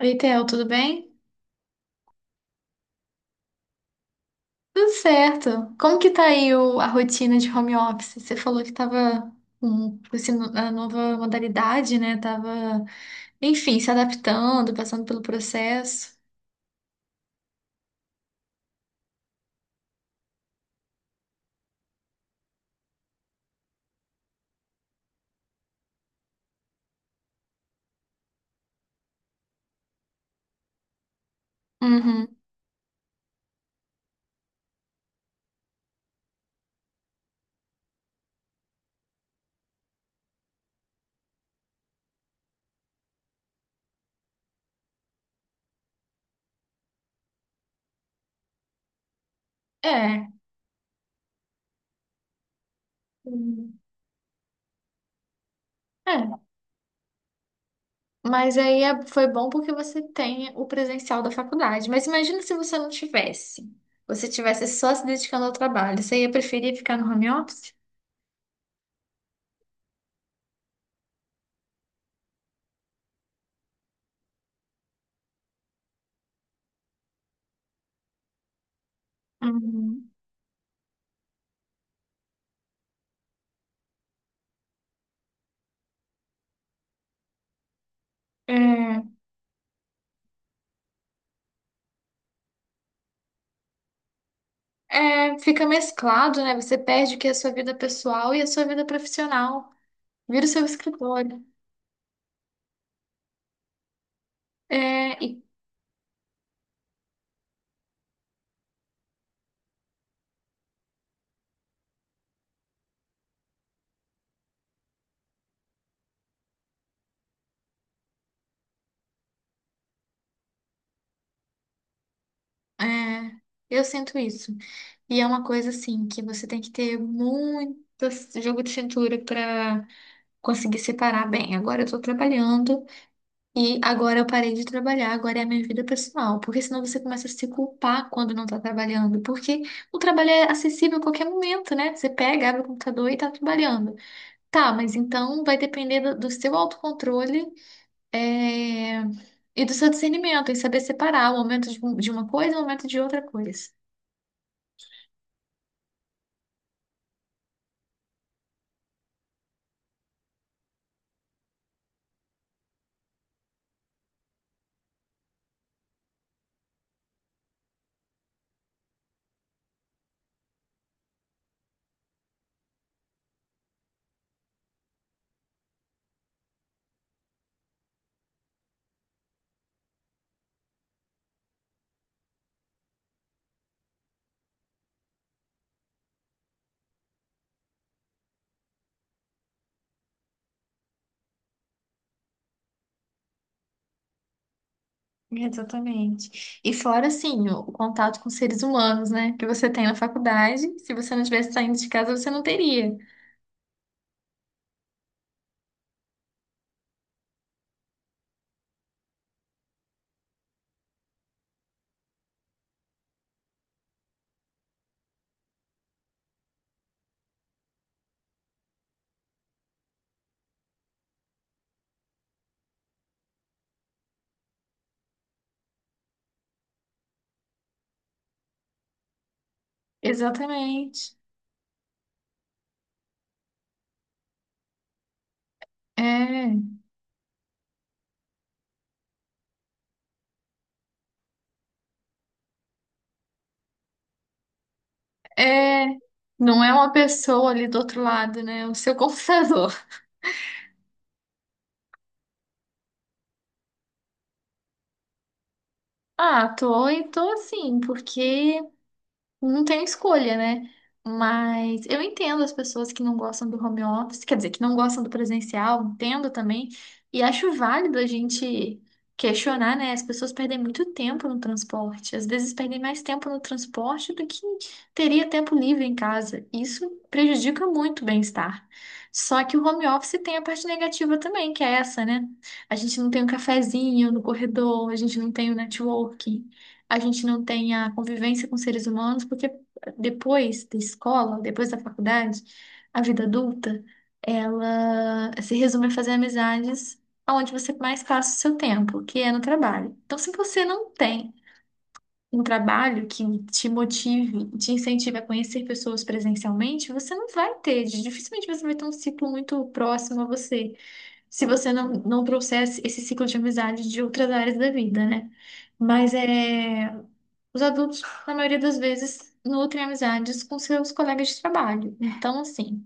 Oi, Theo, tudo bem? Tudo certo. Como que tá aí a rotina de home office? Você falou que tava com esse no- a nova modalidade, né? Tava, enfim, se adaptando, passando pelo processo. Uhum. É. Hum, É. Mas aí foi bom porque você tem o presencial da faculdade. Mas imagina se você não tivesse. Você tivesse só se dedicando ao trabalho. Você ia preferir ficar no home office? Uhum. É. É, fica mesclado, né? Você perde o que é a sua vida pessoal e a sua vida profissional. Vira o seu escritório. É, e- é, eu sinto isso. E é uma coisa assim que você tem que ter muito jogo de cintura para conseguir separar bem. Agora eu tô trabalhando e agora eu parei de trabalhar, agora é a minha vida pessoal. Porque senão você começa a se culpar quando não tá trabalhando. Porque o trabalho é acessível a qualquer momento, né? Você pega, abre o computador e tá trabalhando. Tá, mas então vai depender do seu autocontrole, é, e do seu discernimento, em saber separar o momento de uma coisa e o momento de outra coisa. Exatamente. E fora, assim, o contato com seres humanos, né? Que você tem na faculdade, se você não tivesse saindo de casa, você não teria. Exatamente. É, é. Não é uma pessoa ali do outro lado, né? O seu computador. Ah, tô, e tô assim, porque não tem escolha, né? Mas eu entendo as pessoas que não gostam do home office, quer dizer, que não gostam do presencial, entendo também. E acho válido a gente questionar, né? As pessoas perdem muito tempo no transporte. Às vezes perdem mais tempo no transporte do que teria tempo livre em casa. Isso prejudica muito o bem-estar. Só que o home office tem a parte negativa também, que é essa, né? A gente não tem um cafezinho no corredor, a gente não tem o networking, a gente não tem a convivência com seres humanos, porque depois da escola, depois da faculdade, a vida adulta, ela se resume a fazer amizades onde você mais passa o seu tempo, que é no trabalho. Então, se você não tem um trabalho que te motive, te incentive a conhecer pessoas presencialmente, você não vai ter, dificilmente você vai ter um ciclo muito próximo a você, se você não trouxer esse ciclo de amizade de outras áreas da vida, né? Mas é. Os adultos, na maioria das vezes, nutrem amizades com seus colegas de trabalho. Então, assim,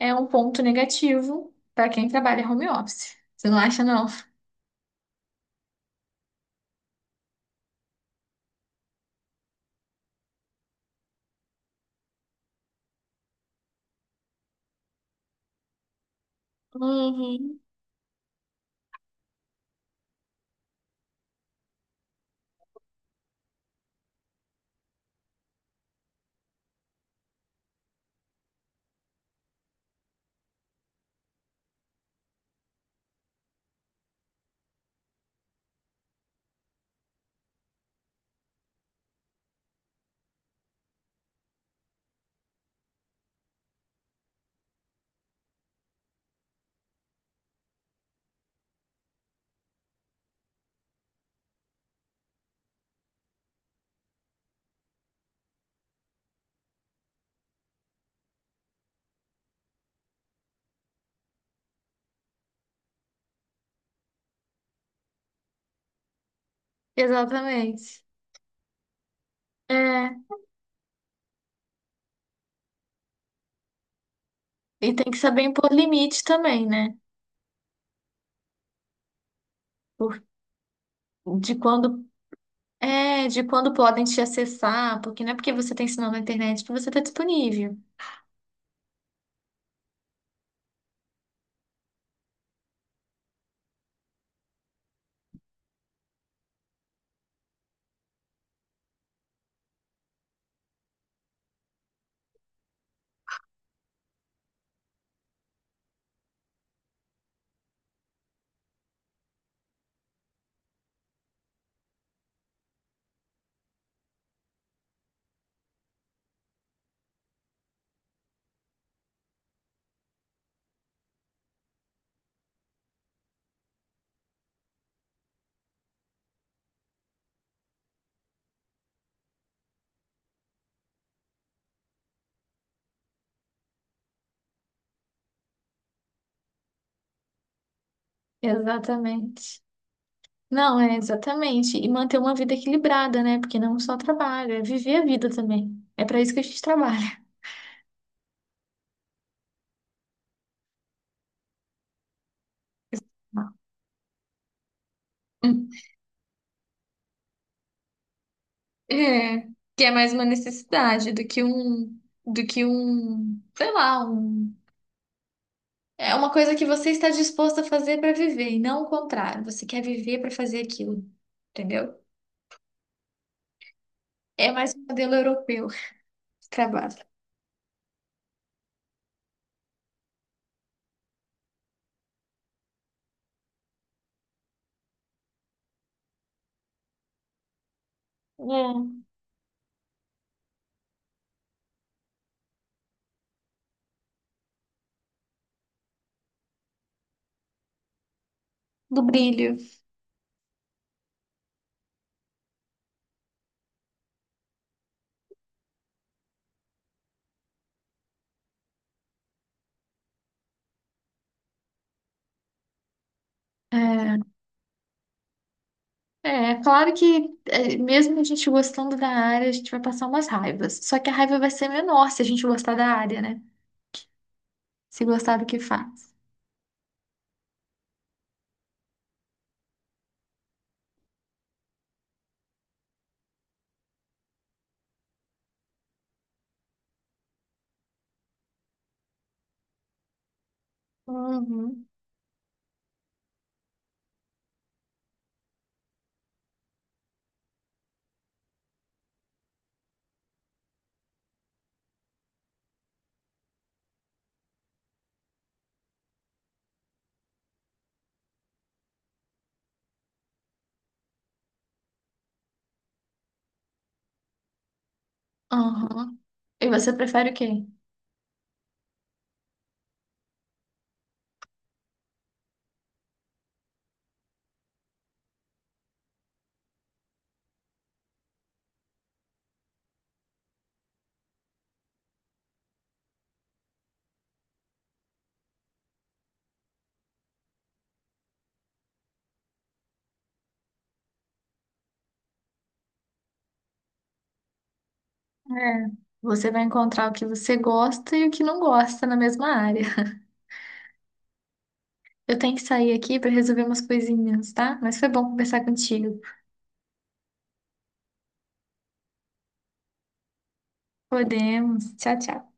é um ponto negativo para quem trabalha home office. Você não acha, não? Uhum. Exatamente. É, e tem que saber impor limite também, né? Por- de quando é, de quando podem te acessar, porque não é porque você tem sinal na internet que você está disponível. Exatamente. Não, é exatamente. E manter uma vida equilibrada, né? Porque não só trabalho, é viver a vida também. É para isso que a gente trabalha. É, que é mais uma necessidade do que um, sei lá, um, é uma coisa que você está disposto a fazer para viver e não o contrário. Você quer viver para fazer aquilo, entendeu? É mais um modelo europeu de trabalho. É, do brilho. É, é claro que é, mesmo a gente gostando da área, a gente vai passar umas raivas. Só que a raiva vai ser menor se a gente gostar da área, né? Se gostar do que faz. Uhum. Uhum. E você prefere o quê? É, você vai encontrar o que você gosta e o que não gosta na mesma área. Eu tenho que sair aqui para resolver umas coisinhas, tá? Mas foi bom conversar contigo. Podemos. Tchau, tchau.